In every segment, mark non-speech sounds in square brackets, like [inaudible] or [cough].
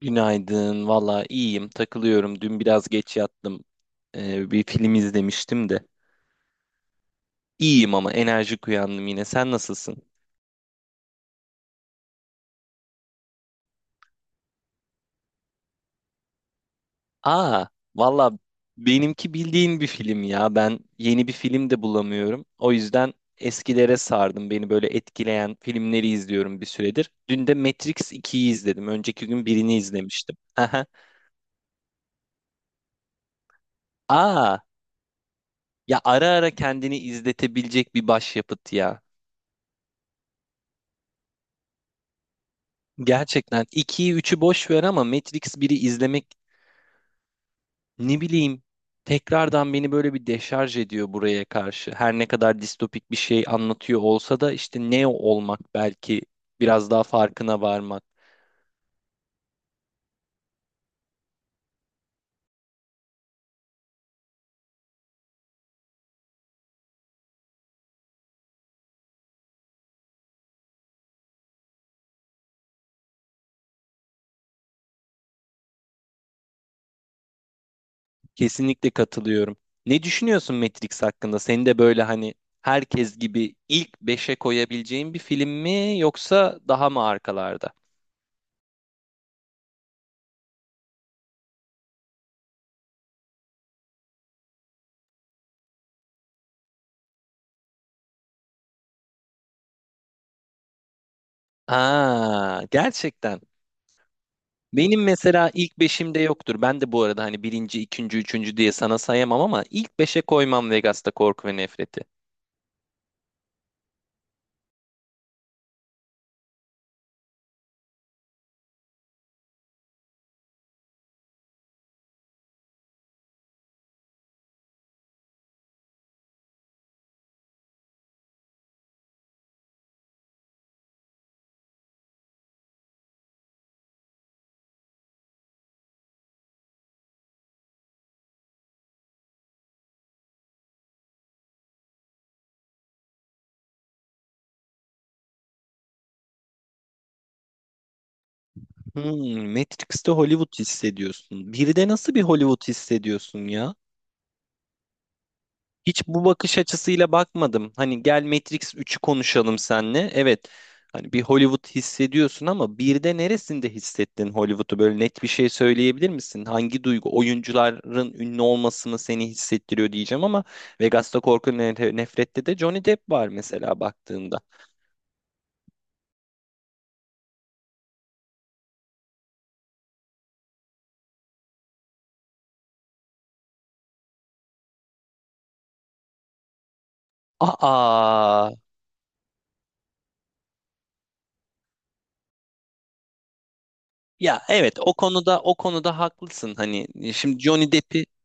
Günaydın. Valla iyiyim. Takılıyorum. Dün biraz geç yattım. Bir film izlemiştim de. İyiyim ama enerjik uyandım yine. Sen nasılsın? Aa, valla benimki bildiğin bir film ya. Ben yeni bir film de bulamıyorum. O yüzden eskilere sardım. Beni böyle etkileyen filmleri izliyorum bir süredir. Dün de Matrix 2'yi izledim. Önceki gün birini izlemiştim. [laughs] Aha. Aa, ya ara ara kendini izletebilecek bir başyapıt ya. Gerçekten 2'yi üçü boş ver ama Matrix biri izlemek, ne bileyim, tekrardan beni böyle bir deşarj ediyor buraya karşı. Her ne kadar distopik bir şey anlatıyor olsa da işte Neo olmak belki biraz daha farkına varmak. Kesinlikle katılıyorum. Ne düşünüyorsun Matrix hakkında? Seni de böyle hani herkes gibi ilk beşe koyabileceğin bir film mi, yoksa daha mı arkalarda? Aa, gerçekten. Benim mesela ilk beşimde yoktur. Ben de bu arada hani birinci, ikinci, üçüncü diye sana sayamam ama ilk beşe koymam Vegas'ta Korku ve Nefret'i. Hmm, Matrix'te Hollywood hissediyorsun. Bir de nasıl bir Hollywood hissediyorsun ya? Hiç bu bakış açısıyla bakmadım. Hani gel Matrix 3'ü konuşalım seninle. Evet. Hani bir Hollywood hissediyorsun ama bir de neresinde hissettin Hollywood'u? Böyle net bir şey söyleyebilir misin? Hangi duygu oyuncuların ünlü olmasını seni hissettiriyor diyeceğim ama Vegas'ta Nefret'te de Johnny Depp var mesela baktığında. Aa. Ya evet, o konuda haklısın. Hani şimdi Johnny Depp'i. [laughs]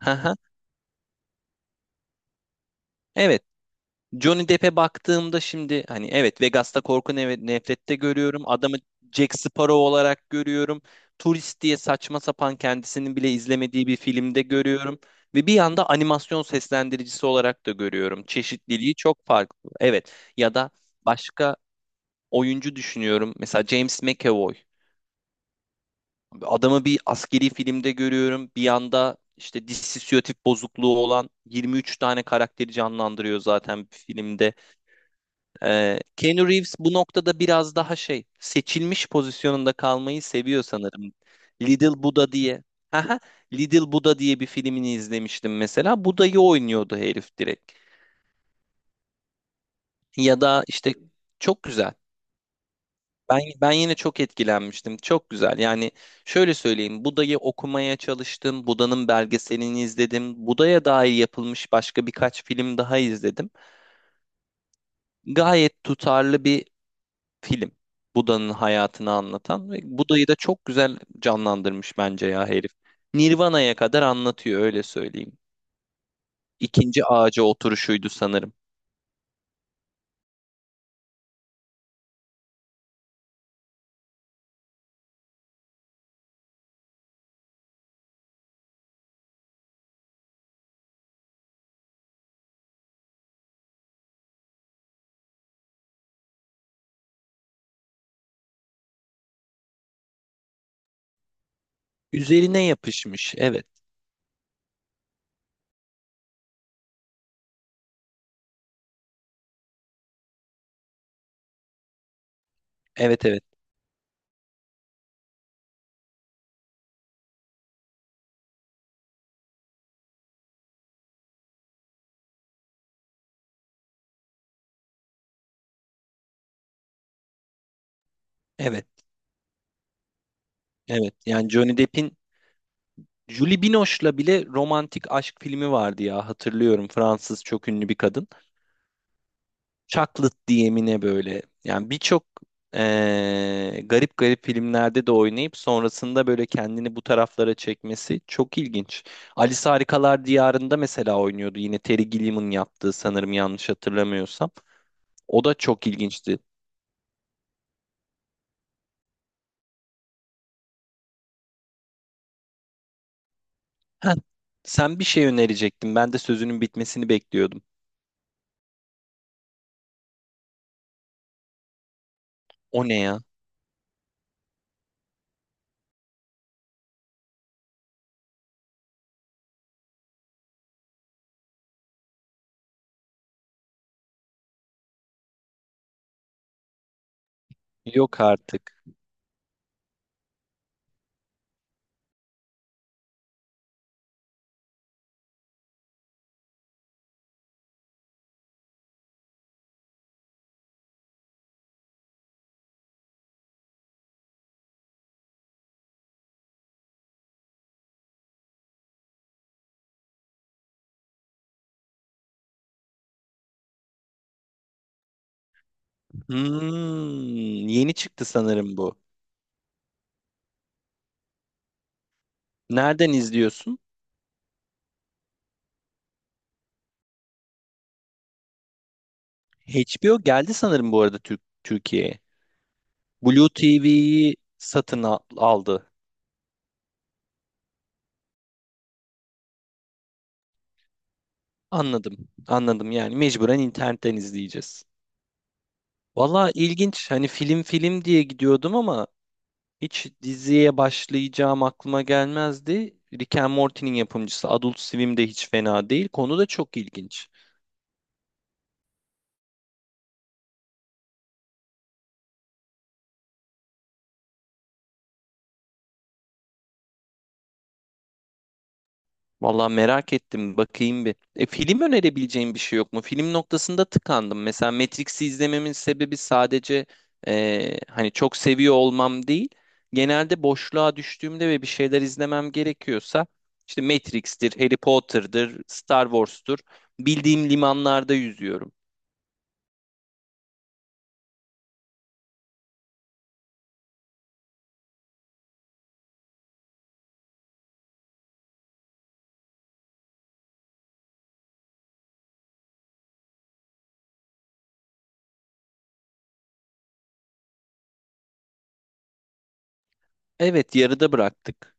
Hı hı. Evet. Johnny Depp'e baktığımda şimdi hani evet, Vegas'ta nefrette görüyorum. Adamı Jack Sparrow olarak görüyorum. Turist diye saçma sapan kendisinin bile izlemediği bir filmde görüyorum. Ve bir yanda animasyon seslendiricisi olarak da görüyorum. Çeşitliliği çok farklı. Evet, ya da başka oyuncu düşünüyorum. Mesela James McAvoy. Adamı bir askeri filmde görüyorum. Bir yanda işte dissosiyatif bozukluğu olan 23 tane karakteri canlandırıyor zaten bir filmde. Keanu Reeves bu noktada biraz daha şey, seçilmiş pozisyonunda kalmayı seviyor sanırım. Little Buddha diye. Haha, Little Buddha diye bir filmini izlemiştim mesela. Buda'yı oynuyordu herif direkt. Ya da işte çok güzel. Ben yine çok etkilenmiştim. Çok güzel. Yani şöyle söyleyeyim. Buda'yı okumaya çalıştım. Buda'nın belgeselini izledim. Buda'ya dair yapılmış başka birkaç film daha izledim. Gayet tutarlı bir film. Buda'nın hayatını anlatan ve Buda'yı da çok güzel canlandırmış bence ya herif. Nirvana'ya kadar anlatıyor, öyle söyleyeyim. İkinci ağaca oturuşuydu sanırım. Üzerine yapışmış. Evet. Evet, evet. Evet. Evet. Yani Johnny Depp'in Julie Binoche'la bile romantik aşk filmi vardı ya, hatırlıyorum. Fransız çok ünlü bir kadın. Chocolate DM'ine böyle. Yani birçok garip garip filmlerde de oynayıp sonrasında böyle kendini bu taraflara çekmesi çok ilginç. Alice Harikalar Diyarı'nda mesela oynuyordu. Yine Terry Gilliam'ın yaptığı sanırım, yanlış hatırlamıyorsam. O da çok ilginçti. Heh, sen bir şey önerecektin. Ben de sözünün bitmesini bekliyordum. O ne ya? Yok artık. Hmm, yeni çıktı sanırım bu. Nereden izliyorsun? HBO geldi sanırım bu arada Türkiye'ye. Blue TV'yi satın aldı. Anladım. Anladım, yani mecburen internetten izleyeceğiz. Valla ilginç. Hani film film diye gidiyordum ama hiç diziye başlayacağım aklıma gelmezdi. Rick and Morty'nin yapımcısı Adult Swim de hiç fena değil. Konu da çok ilginç. Vallahi merak ettim. Bakayım bir. Film önerebileceğim bir şey yok mu? Film noktasında tıkandım. Mesela Matrix'i izlememin sebebi sadece, hani çok seviyor olmam değil. Genelde boşluğa düştüğümde ve bir şeyler izlemem gerekiyorsa işte Matrix'tir, Harry Potter'dır, Star Wars'tur. Bildiğim limanlarda yüzüyorum. Evet, yarıda bıraktık.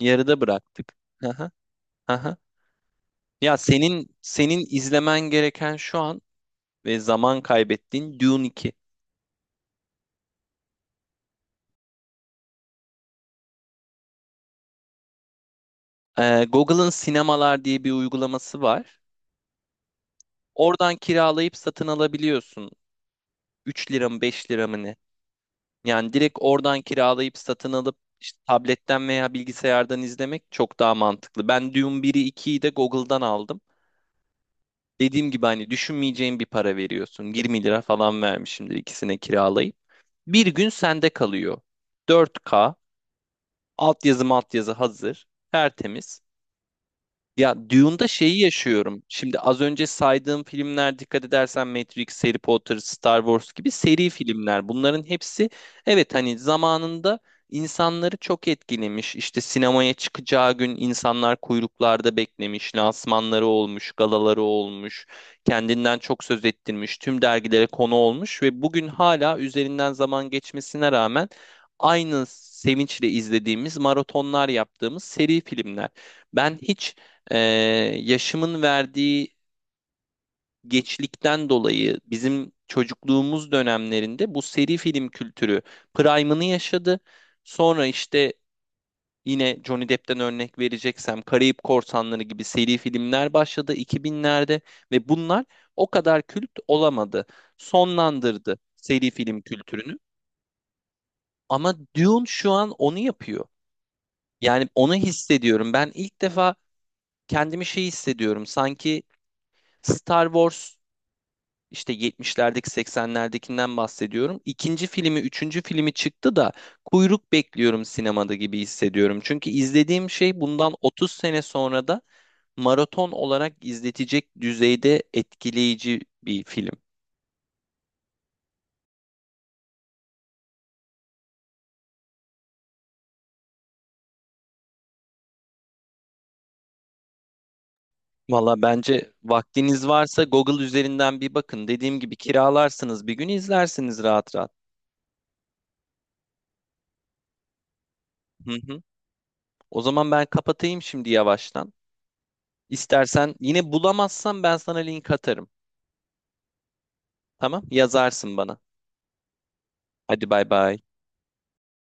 Yarıda bıraktık. Aha, aha. Ya senin izlemen gereken şu an ve zaman kaybettiğin Dune 2. Google'ın sinemalar diye bir uygulaması var. Oradan kiralayıp satın alabiliyorsun. 3 lira mı, 5 lira mı, ne? Yani direkt oradan kiralayıp satın alıp işte tabletten veya bilgisayardan izlemek çok daha mantıklı. Ben Dune 1'i, 2'yi de Google'dan aldım. Dediğim gibi hani düşünmeyeceğin bir para veriyorsun. 20 lira falan vermişimdir ikisine kiralayıp. Bir gün sende kalıyor. 4K, altyazı maltyazı hazır, tertemiz. Ya Dune'da şeyi yaşıyorum. Şimdi az önce saydığım filmler, dikkat edersen, Matrix, Harry Potter, Star Wars gibi seri filmler. Bunların hepsi, evet hani, zamanında insanları çok etkilemiş. İşte sinemaya çıkacağı gün insanlar kuyruklarda beklemiş, lansmanları olmuş, galaları olmuş, kendinden çok söz ettirmiş, tüm dergilere konu olmuş ve bugün hala üzerinden zaman geçmesine rağmen aynı sevinçle izlediğimiz, maratonlar yaptığımız seri filmler. Ben hiç, ee, yaşımın verdiği geçlikten dolayı, bizim çocukluğumuz dönemlerinde bu seri film kültürü prime'ını yaşadı. Sonra işte yine Johnny Depp'ten örnek vereceksem, Karayip Korsanları gibi seri filmler başladı 2000'lerde ve bunlar o kadar kült olamadı. Sonlandırdı seri film kültürünü. Ama Dune şu an onu yapıyor. Yani onu hissediyorum. Ben ilk defa kendimi şey hissediyorum. Sanki Star Wars, işte 70'lerdeki, 80'lerdekinden bahsediyorum, İkinci filmi, üçüncü filmi çıktı da kuyruk bekliyorum sinemada gibi hissediyorum. Çünkü izlediğim şey bundan 30 sene sonra da maraton olarak izletecek düzeyde etkileyici bir film. Valla bence vaktiniz varsa Google üzerinden bir bakın. Dediğim gibi kiralarsınız, bir gün izlersiniz rahat rahat. Hı hı. O zaman ben kapatayım şimdi yavaştan. İstersen yine bulamazsam ben sana link atarım. Tamam? Yazarsın bana. Hadi bay bay.